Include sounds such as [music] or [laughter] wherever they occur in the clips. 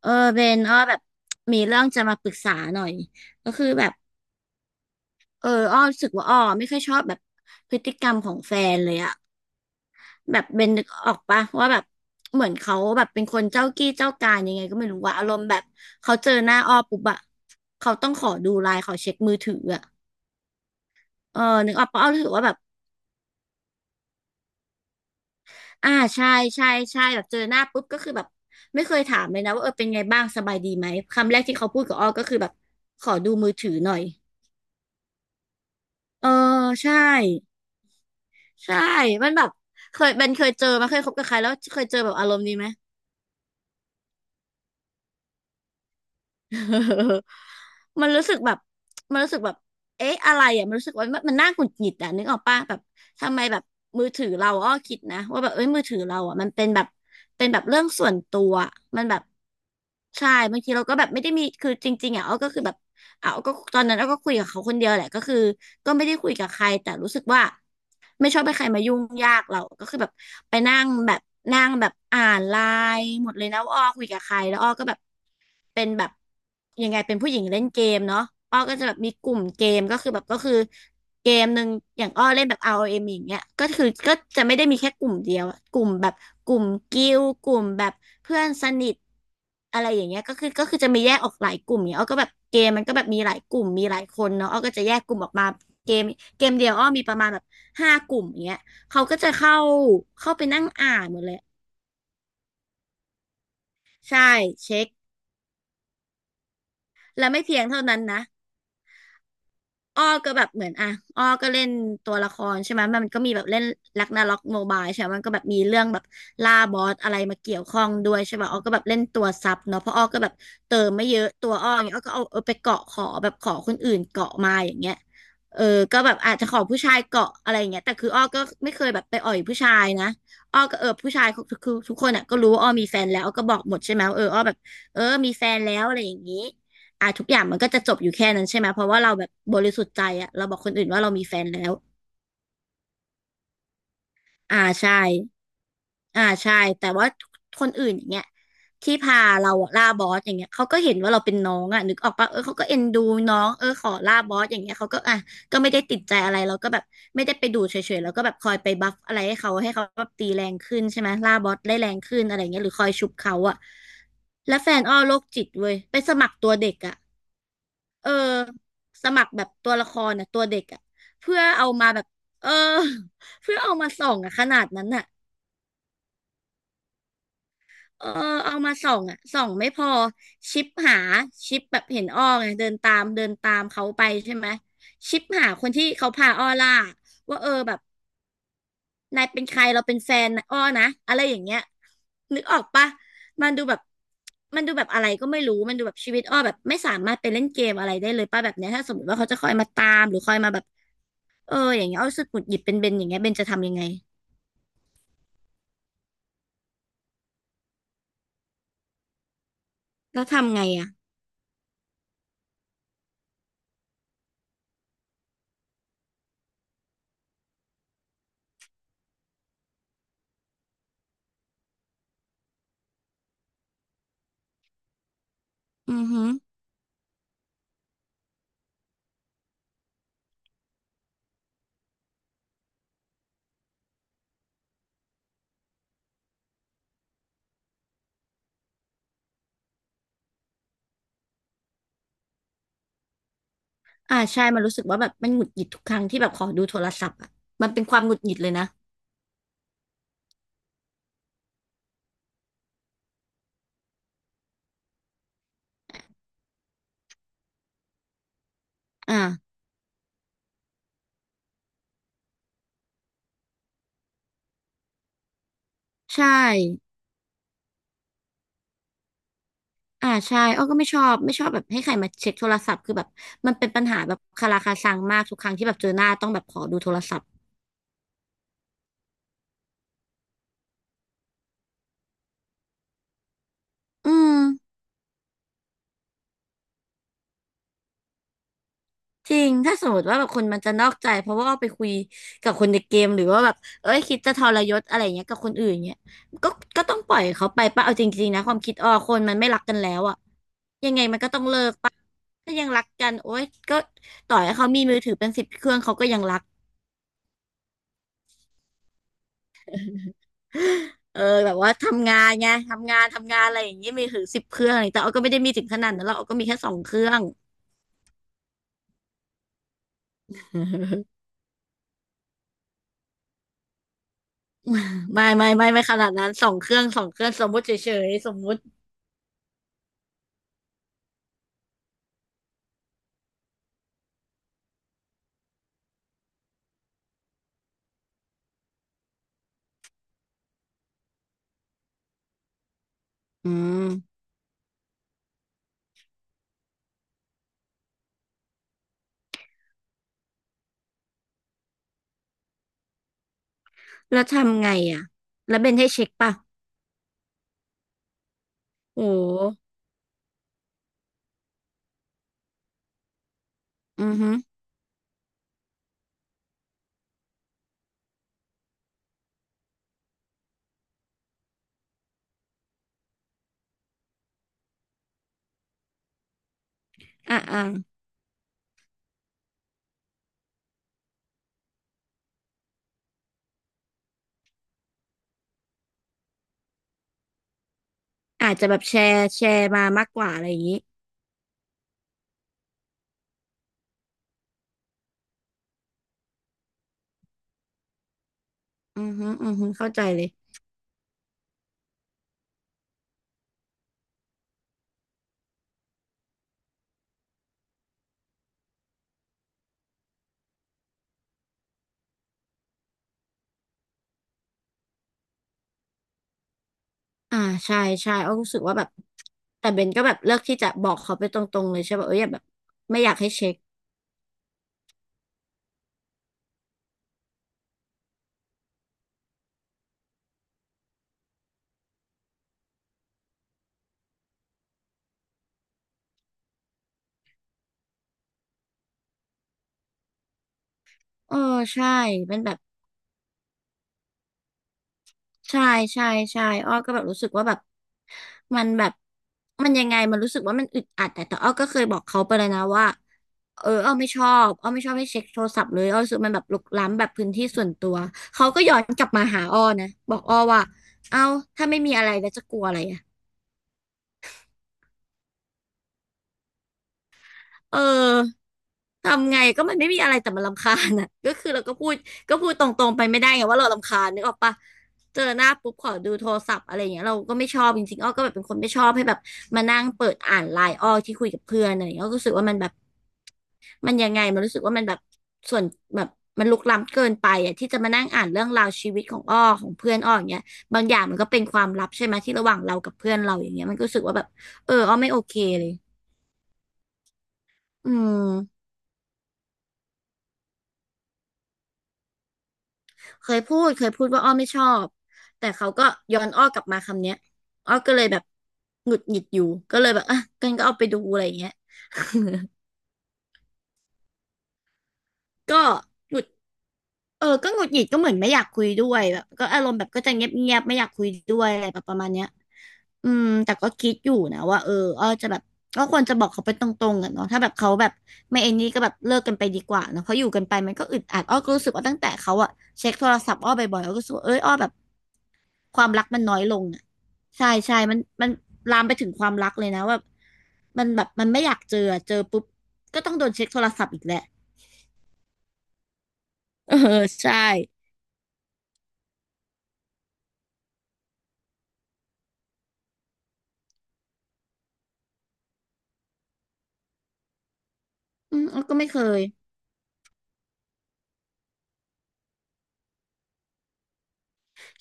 เออเบนอ้อแบบมีเรื่องจะมาปรึกษาหน่อยก็คือแบบอ้อรู้สึกว่าอ้อไม่ค่อยชอบแบบพฤติกรรมของแฟนเลยอะแบบเบนนึกออกปะว่าแบบเหมือนเขาแบบเป็นคนเจ้ากี้เจ้าการยังไงก็ไม่รู้ว่าอารมณ์แบบเขาเจอหน้าอ้อปุ๊บอะเขาต้องขอดูไลน์ขอเช็คมือถืออะเออนึกออกปะอ้อรู้สึกว่าแบบอ่าใช่ใช่ใช่แบบเจอหน้าปุ๊บก็คือแบบไม่เคยถามเลยนะว่าเออเป็นไงบ้างสบายดีไหมคำแรกที่เขาพูดกับอ้อก็คือแบบขอดูมือถือหน่อยเออใช่ ใช่มันแบบเคยเป็นเคยเจอมาเคยคบกับใครแล้วเคยเจอแบบอารมณ์นี้ไหม [laughs] มันรู้สึกแบบมันรู้สึกแบบเอ๊ะอะไรอ่ะมันรู้สึกว่ามันน่าหงุดหงิดอ่ะนึกออกป่ะแบบ ทำไมแบบมือถือเราอ้อคิดนะว่าแบบเอ้ยมือถือเราอ่ะมันเป็นแบบเป็นแบบเรื่องส่วนตัวอะมันแบบใช่บางทีเราก็แบบไม่ได้มีคือจริงๆอ่ะอ้อก็คือแบบอ่ะอ้อก็ตอนนั้นอ้อก็คุยกับเขาคนเดียวแหละก็คือก็ไม่ได้คุยกับใครแต่รู้สึกว่าไม่ชอบให้ใครมายุ่งยากเราก็คือแบบไปนั่งแบบนั่งแบบอ่านไลน์หมดเลยนะว่าอ้อคุยกับใครแล้วอ้อก็แบบเป็นแบบยังไงเป็นผู้หญิงเล่นเกมเนาะอ้อก็จะแบบมีกลุ่มเกมก็คือแบบก็คือ เกมหนึ่งอย่างอ้อเล่นแบบ ROM อเอ็มอย่างเงี้ยก็คือก็จะไม่ได้มีแค่กลุ่มเดียวอะกลุ่มแบบกลุ่มกิ้วกลุ่มแบบเพื่อนสนิทอะไรอย่างเงี้ยก็คือจะมีแยกออกหลายกลุ่มเนี่ยอ้อก็แบบเกมมันก็แบบมีหลายกลุ่มมีหลายคนเนาะอ้อก็จะแยกกลุ่มออกมาเกมเกมเดียวอ้อมีประมาณแบบ5 กลุ่มอย่างเงี้ยเขาก็จะเข้าเข้าไปนั่งอ่านหมดเลยใช่เช็คและไม่เพียงเท่านั้นนะ อ้อก็แบบเหมือนอ่ะอ้อก็เล่นตัวละครใช่ไหมมันก็มีแบบเล่นลักนาล็อกโมบายใช่ไหมมันก็แบบมีเรื่องแบบล่าบอสอะไรมาเกี่ยวข้องด้วยใช่ป่ะอ้อก็แบบเล่นตัวซับเนาะเพราะอ้อก็แบบเติมไม่เยอะตัวอ้ออย่างเงี้ยอ้อก็เอาไปเกาะขอแบบขอคนอื่นเกาะมาอย่างเงี้ยเออก็แบบอาจจะขอผู้ชายเกาะอะไรอย่างเงี้ยแต่คืออ้อก็ไม่เคยแบบไปอ่อยผู้ชายนะอ้อก็เออผู้ชายคือทุกคนอ่ะก็รู้ว่าอ้อมีแฟนแล้วอ้อก็บอกหมดใช่ไหมว่าเอออ้อแบบเออมีแฟนแล้วอะไรอย่างงี้ อ่ะทุกอย่างมันก็จะจบอยู่แค่นั้นใช่ไหมเพราะว่าเราแบบบริสุทธิ์ใจอะเราบอกคนอื่นว่าเรามีแฟนแล้วอ่าใช่อ่าใช่แต่ว่าคนอื่นอย่างเงี้ยที่พาเราอะล่าบอสอย่างเงี้ยเขาก็เห็นว่าเราเป็นน้องอะนึกออกปะเออเขาก็เอ็นดูน้องเออขอล่าบอสอย่างเงี้ยเขาก็อ่ะก็ไม่ได้ติดใจอะไรเราก็แบบไม่ได้ไปดูเฉยๆแล้วก็แบบคอยไปบัฟอะไรให้เขาให้เขาแบบตีแรงขึ้นใช่ไหมล่าบอสได้แรงขึ้นอะไรเงี้ยหรือคอยชุบเขาอะแล้วแฟนอ้อโรคจิตเว้ยไปสมัครตัวเด็กอะ เออสมัครแบบตัวละครน่ะตัวเด็กอ่ะเพื่อเอามาแบบเออ [laughs] เพื่อเอามาส่องอ่ะขนาดนั้นน่ะเออเอามาส่องอ่ะส่องไม่พอชิปหาชิปแบบเห็นอ้อไงเดินตามเขาไปใช่ไหมชิปหาคนที่เขาพาอ้อล่าว่าเออแบบนายเป็นใครเราเป็นแฟนนะอ้อนะอะไรอย่างเงี้ยนึกออกปะมันดูแบบมันดูแบบอะไรก็ไม่รู้มันดูแบบชีวิตอ้อแบบไม่สามารถไปเล่นเกมอะไรได้เลยป่ะแบบเนี้ยถ้าสมมติว่าเขาจะคอยมาตามหรือคอยมาแบบ เอออย่างเงี้ยเอารู้สึกหงุดหงิดเป็นเบนอย่างเงี้ยเบนจะทำยังไงแล้วทำไงอ่ะอือหึออ่าใช่มันรู้สึกว่าแบบมันหงุดหงิดทุกครั้งที่แบบขอดูโทรศัพท์อ่ะมันเป็นความหงุดหงิดเลยนะอ่าใช่อ่าใช่อ้อก็ไม่ชอบแบบให้ใครมาเช็คโทรศัพท์คือแบบมันเป็นปัญหาแบบคาราคาซังมากทุกครั้งที่แบบเจอหน้าต้องแบบขอดูโทรศัพท์อืม จริงถ้าสมมติว่าแบบคนมันจะนอกใจเพราะว่าไปคุยกับคนในเกมหรือว่าแบบเอ้ยคิดจะทรยศอะไรเงี้ยกับคนอื่นเงี้ยก็ก็ต้องปล่อยเขาไปป่ะเอาจริงๆนะความคิดอ้อคนมันไม่รักกันแล้วอะยังไงมันก็ต้องเลิกป่ะถ้ายังรักกันโอ๊ยก็ต่อให้เขามีมือถือเป็นสิบเครื่องเขาก็ยังรัก [gasps] เออแบบว่าทำงานไงทำงานอะไรอย่างเงี้ยมือถือสิบเครื่องอะไรแต่อ้อก็ไม่ได้มีถึงขนาดนั้นหรอกอ้อก็มีแค่สองเครื่อง [laughs] ไม่ขนาดนั้นสองเครื่องสมมุติเฉยๆสมมุติอืม แล้วทำไงอ่ะ แล้วเบนให้เช็คป่ะโอ้อือฮึอ่ะอ่ะอาจจะแบบแชร์มามากกว่าอะไรอย่างนี้อือฮึอือฮึเข้าใจเลยอ่าใช่ใช่อ้อรู้สึกว่าแบบ แต่เบนก็แบบเลือกที่จะบอกเขาไปตรงๆเลยใช่ป่ะเอออย่าแบบไม่อยากให้เช็คเออใช่เป็นแบบ ใช่ใช่ใช่อ้อก็แบบรู้สึกว่าแบบมันแบบมันยังไงมันรู้สึกว่ามันอึดอัดแต่อ้อก็เคยบอกเขาไปเลยนะว่าเอออ้อไม่ชอบอ้อไม่ชอบให้เช็คโทรศัพท์เลยอ้อรู้สึกมันแบบรุกล้ำแบบพื้นที่ส่วนตัวเขาก็ย้อนกลับมาหาอ้อนะบอกอ้อว่าเอ้าถ้าไม่มีอะไรแล้วจะกลัวอะไรอะ เออทำไงก็มันไม่มีอะไรแต่มันรำคาญอ่ะ [laughs] ก็คือเราก็พูดตรงๆไปไม่ได้ไงว่าเรารำคาญนึกออกปะเจอหน้าปุ๊บขอดูโทรศัพท์อะไรอย่างเงี้ยเราก็ไม่ชอบจริงๆอ้อก็แบบเป็นคนไม่ชอบให้แบบมานั่งเปิดอ่านไลน์อ้อที่คุยกับเพื่อนอะไรอย่างเงี้ยอ้อก็รู้สึกว่ามันแบบมันยังไงมันรู้สึกว่ามันแบบส่วนแบบมันลุกล้ำเกินไปอ่ะที่จะมานั่งอ่านเรื่องราวชีวิตของอ้อของเพื่อนอ้ออย่างเงี้ยบางอย่างมันก็เป็นความลับใช่ไหมที่ระหว่างเรากับเพื่อนเราอย่างเงี้ยมันก็รู้สึกว่าแบบเอออ้อไม่โอเคเลยอืม เคยพูดว่าอ้อไม่ชอบแต่เขาก็ย้อนอ้อกลับมาคำเนี้ยอ้อก็เลยแบบหงุดหงิดอยู่ก็เลยแบบอ่ะกันก็เอาไปดูอะไรอย่างเงี้ย [laughs] ก็หงุดเออก็หงุดหงิดก็เหมือนไม่อยากคุยด้วยแบบก็อารมณ์แบบก็จะเงียบไม่อยากคุยด้วยอะไรแบบประมาณเนี้ยอืมแต่ก็คิดอยู่นะว่าเอออ้อจะแบบก็ควรจะบอกเขาไปตรงๆอะเนาะถ้าแบบเขาแบบไม่ไอ้นี่ก็แบบเลิกกันไปดีกว่าเนาะเพราะอยู่กันไปมันก็อึดอัดอ้อก็รู้สึกว่าตั้งแต่เขาอะเช็คโทรศัพท์อ้อบ่อยๆอ้อก็รู้สึกว่าเอ้ยอ้อแบบ ความรักมันน้อยลงอ่ะใช่ใช่มันลามไปถึงความรักเลยนะว่ามันแบบมันไม่อยากเจออะเจอปุ๊บก็ต้องโดนเช็คโทรศัพท์อีกแหละเออใช่อืมแล้วก็ไม่เคย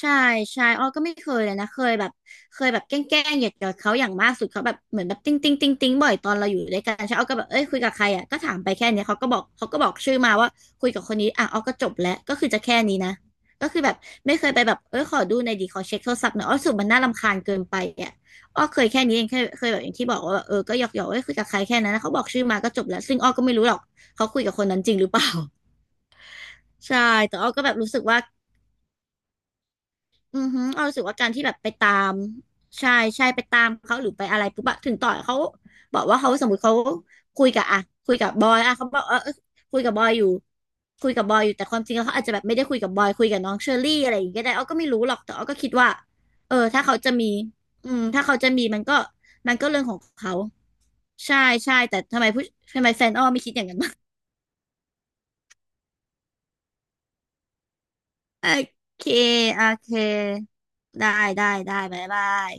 ใช่ใช่อ้อก็ไม่เคยเลยนะเคยแบบเคยแบบแกล้งๆเหยียดกับเขาอย่างมากสุดเขาแบบเหมือนแบบติ้งติ้งบ่อยตอนเราอยู่ด้วยกันใช่อ้อก็แบบเอ้ยคุยกับใครอ่ะก็ถามไปแค่เนี้ยเขาก็บอกชื่อมาว่าคุยกับคนนี้อ่ะอ้อก็จบแล้วก็คือจะแค่นี้นะก็คือแบบไม่เคยไปแบบเอ้ยขอดูในอยดีขอเช็คโทรศัพท์หน่อยอ้อรู้สึกมันน่ารำคาญเกินไปอ่ะอ้อเคยแค่นี้เองเคยแบบอย่างที่บอกว่าแบบเออก็หยอกเอ้ยคุยกับใครแค่นั้นนะเขาบอกชื่อมาก็จบแล้วซึ่งอ้อก็ไม่รู้หรอกเขาคุยกับคนนั้นจริงหรือเปล่า [laughs] ใช่แต่อ้อก็แบบรู้สึกว่า อือฮึเอารู้สึกว่าการที่แบบไปตามใช่ใช่ไปตามเขาหรือไปอะไรปุ๊บอะถึงต่อเขาบอกว่าเขาสมมติเขาคุยกับอะคุยกับบอยอะเขาบอกเออเออคุยกับบอยอยู่คุยกับบอยอยู่แต่ความจริงแล้วเขาอาจจะแบบไม่ได้คุยกับบอยคุยกับน้องเชอรี่อะไรอย่างเงี้ยก็ได้อ้อก็ไม่รู้หรอกแต่อ้อก็คิดว่าเออถ้าเขาจะมีอืมถ้าเขาจะมีมันก็เรื่องของเขาใช่ใช่แต่ทำไมผู้ทำไมแฟนอ้อไม่คิดอย่างนั้น [laughs] บ้างโอเคโอเคได้ได้บ๊ายบาย